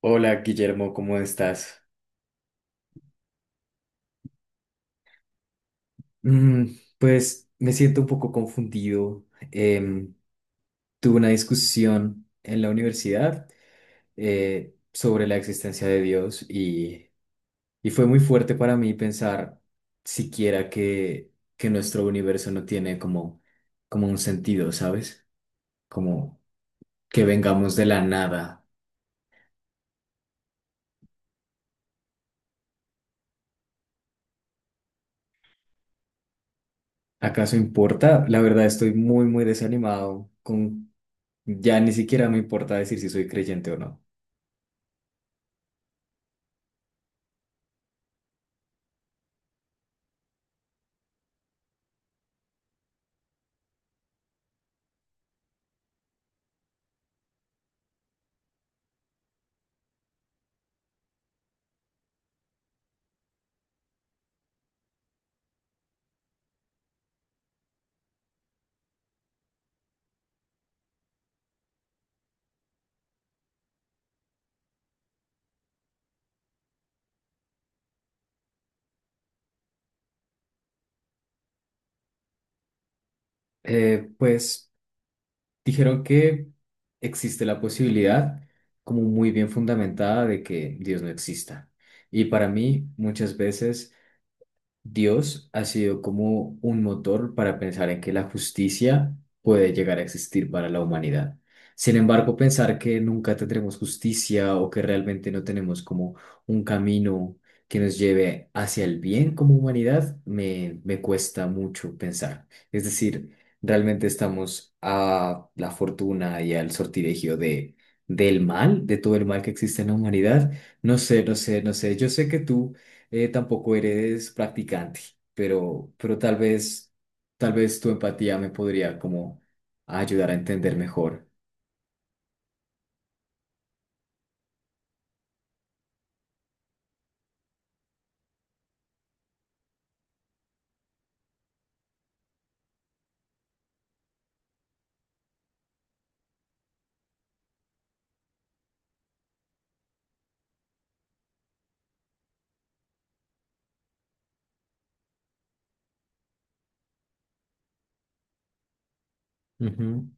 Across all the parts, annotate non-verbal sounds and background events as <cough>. Hola Guillermo, ¿cómo estás? Mm, pues me siento un poco confundido. Em, Tuve una discusión en la universidad sobre la existencia de Dios y, fue muy fuerte para mí pensar siquiera que, nuestro universo no tiene como, como un sentido, ¿sabes? Como que vengamos de la nada. ¿Acaso importa? La verdad estoy muy, muy desanimado con... Ya ni siquiera me importa decir si soy creyente o no. Pues dijeron que existe la posibilidad, como muy bien fundamentada, de que Dios no exista. Y para mí, muchas veces Dios ha sido como un motor para pensar en que la justicia puede llegar a existir para la humanidad. Sin embargo, pensar que nunca tendremos justicia o que realmente no tenemos como un camino que nos lleve hacia el bien como humanidad, me cuesta mucho pensar. Es decir, realmente estamos a la fortuna y al sortilegio del mal, de todo el mal que existe en la humanidad. No sé, no sé, no sé. Yo sé que tú tampoco eres practicante, pero tal vez tu empatía me podría como ayudar a entender mejor. Ujú.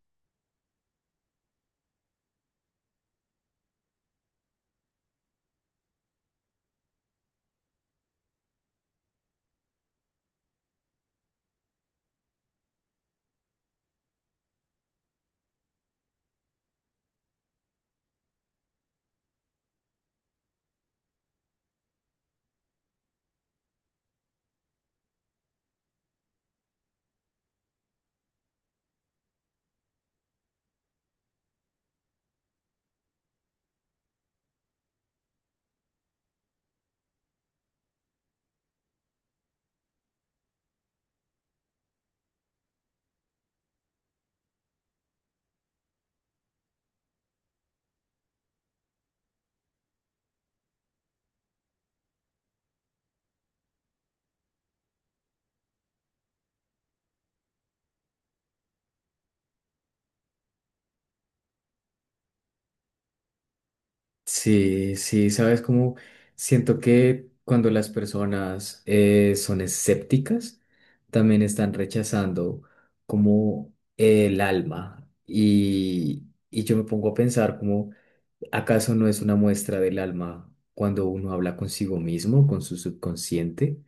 Sí, sí, sabes cómo siento que cuando las personas son escépticas, también están rechazando como el alma. Y, yo me pongo a pensar como, ¿acaso no es una muestra del alma cuando uno habla consigo mismo, con su subconsciente?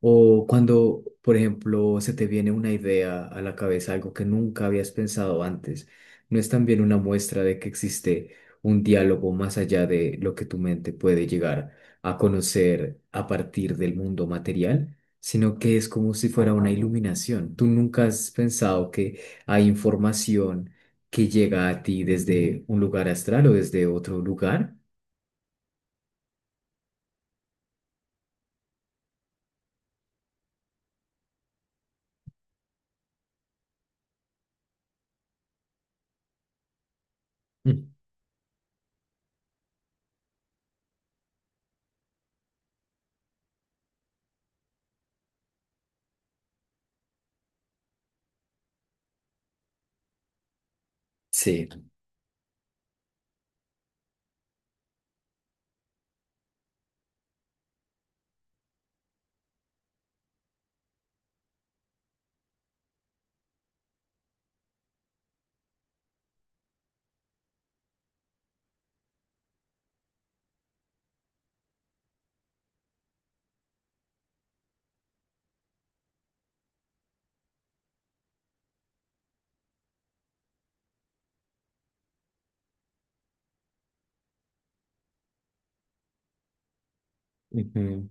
O cuando, por ejemplo, se te viene una idea a la cabeza, algo que nunca habías pensado antes, ¿no es también una muestra de que existe un diálogo más allá de lo que tu mente puede llegar a conocer a partir del mundo material? Sino que es como si fuera una iluminación. Tú nunca has pensado que hay información que llega a ti desde un lugar astral o desde otro lugar. Mm, sí, ujú.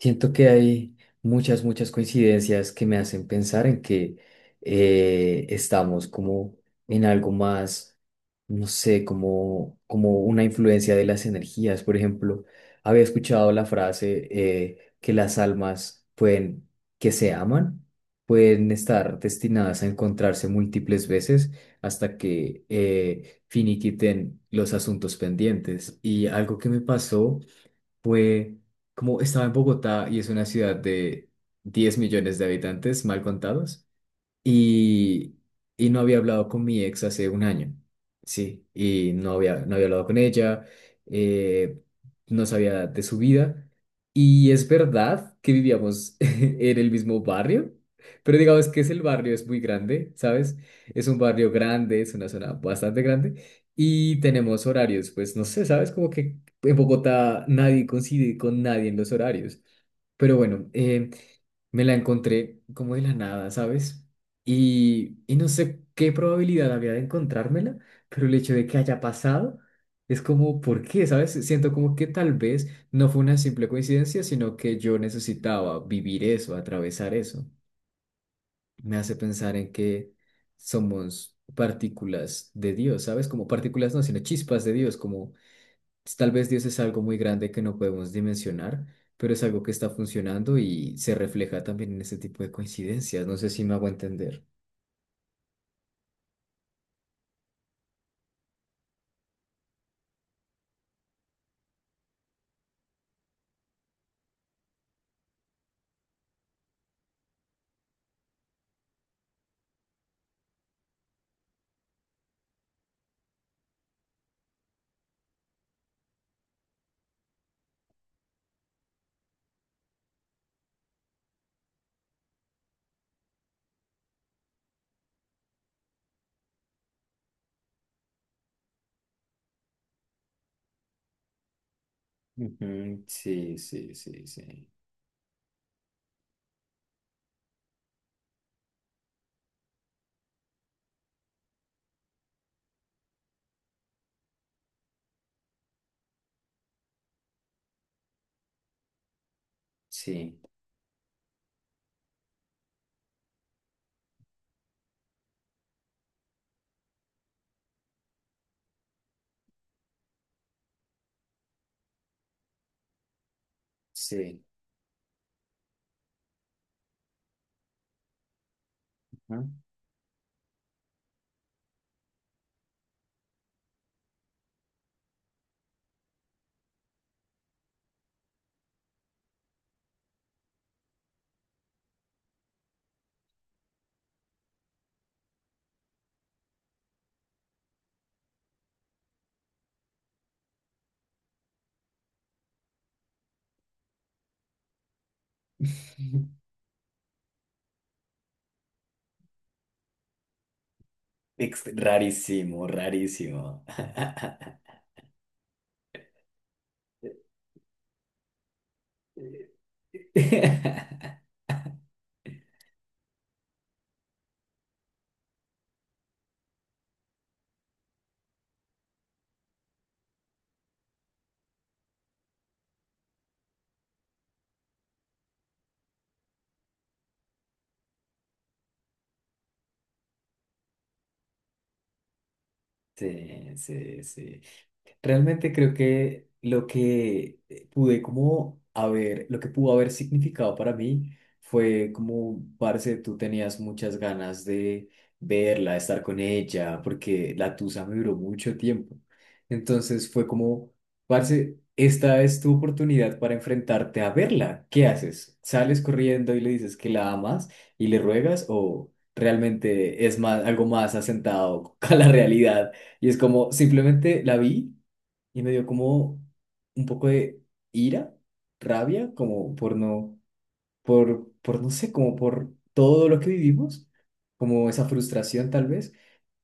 Siento que hay muchas, muchas coincidencias que me hacen pensar en que estamos como en algo más, no sé, como, una influencia de las energías. Por ejemplo, había escuchado la frase que las almas pueden, que se aman, pueden estar destinadas a encontrarse múltiples veces hasta que finiquiten los asuntos pendientes. Y algo que me pasó fue como estaba en Bogotá y es una ciudad de 10 millones de habitantes, mal contados, y, no había hablado con mi ex hace un año, sí, y no había, no había hablado con ella, eh, no sabía de su vida, y es verdad que vivíamos <laughs> en el mismo barrio, pero digamos que es el barrio, es muy grande, ¿sabes? Es un barrio grande, es una zona bastante grande, y tenemos horarios, pues no sé, ¿sabes? Como que en Bogotá nadie coincide con nadie en los horarios, pero bueno, me la encontré como de la nada, ¿sabes? Y, no sé qué probabilidad había de encontrármela, pero el hecho de que haya pasado es como, ¿por qué? ¿Sabes? Siento como que tal vez no fue una simple coincidencia, sino que yo necesitaba vivir eso, atravesar eso. Me hace pensar en que somos partículas de Dios, ¿sabes? Como partículas no, sino chispas de Dios, como tal vez Dios es algo muy grande que no podemos dimensionar, pero es algo que está funcionando y se refleja también en ese tipo de coincidencias. No sé si me hago entender. Ujú, sí, sí, sí, sí, sí, sí. Ujú. <laughs> Rarísimo, rarísimo. <laughs> Sí, sí, sí. Realmente creo que lo que lo que pudo haber significado para mí fue como, parce, tú tenías muchas ganas de verla, de estar con ella, porque la tusa me duró mucho tiempo. Entonces fue como, parce, esta es tu oportunidad para enfrentarte a verla. ¿Qué haces? ¿Sales corriendo y le dices que la amas y le ruegas o realmente es más, algo más asentado <laughs> a la realidad? Y es como, simplemente la vi. Y me dio como un poco de ira, rabia, como por no, por no sé, como por todo lo que vivimos, como esa frustración tal vez.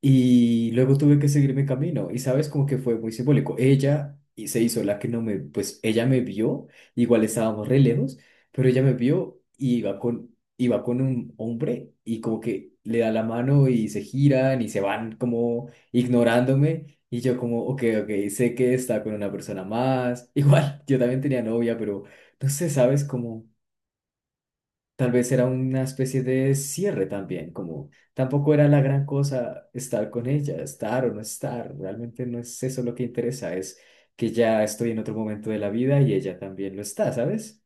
Y luego tuve que seguir mi camino y sabes como que fue muy simbólico. Ella y se hizo la que no me, pues ella me vio, igual estábamos re lejos, pero ella me vio y iba con un hombre y como que le da la mano y se giran y se van como ignorándome y yo como, ok, ok, sé que está con una persona más. <laughs> Igual, yo también tenía novia, pero no sé, sabes como... Tal vez era una especie de cierre también, como tampoco era la gran cosa estar con ella, estar o no estar, realmente no es eso lo que interesa, es que ya estoy en otro momento de la vida y ella también lo está, ¿sabes?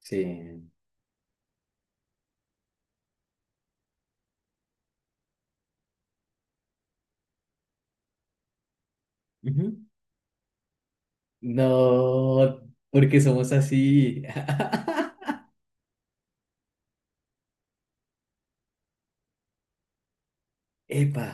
Sí. Ujú. No, porque somos así. <laughs> Epa,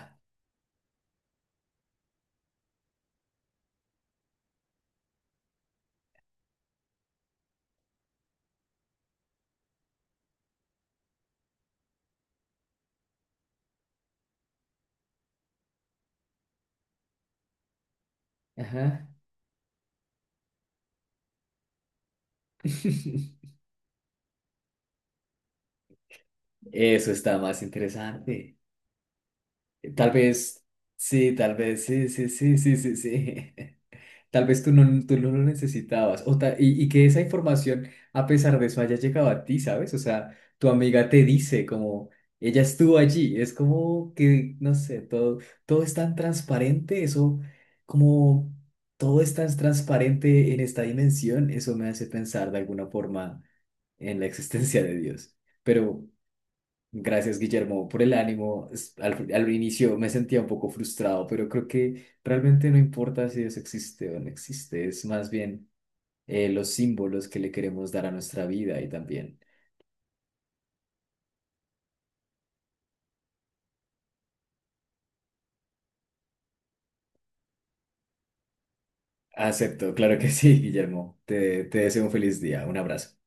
ajá. <laughs> Eso está más interesante. Tal vez, sí, tal vez, sí, sí, sí, sí, sí, sí. <laughs> Tal vez tú no lo necesitabas. Y, que esa información, a pesar de eso, haya llegado a ti, ¿sabes? O sea, tu amiga te dice como, ella estuvo allí. Es como que, no sé, todo, todo es tan transparente. Eso, como, todo es tan transparente en esta dimensión. Eso me hace pensar de alguna forma en la existencia de Dios. Pero gracias, Guillermo, por el ánimo. Al, al inicio me sentía un poco frustrado, pero creo que realmente no importa si eso existe o no existe, es más bien los símbolos que le queremos dar a nuestra vida y también. Acepto, claro que sí, <laughs> Guillermo. Te deseo un feliz día. Un abrazo.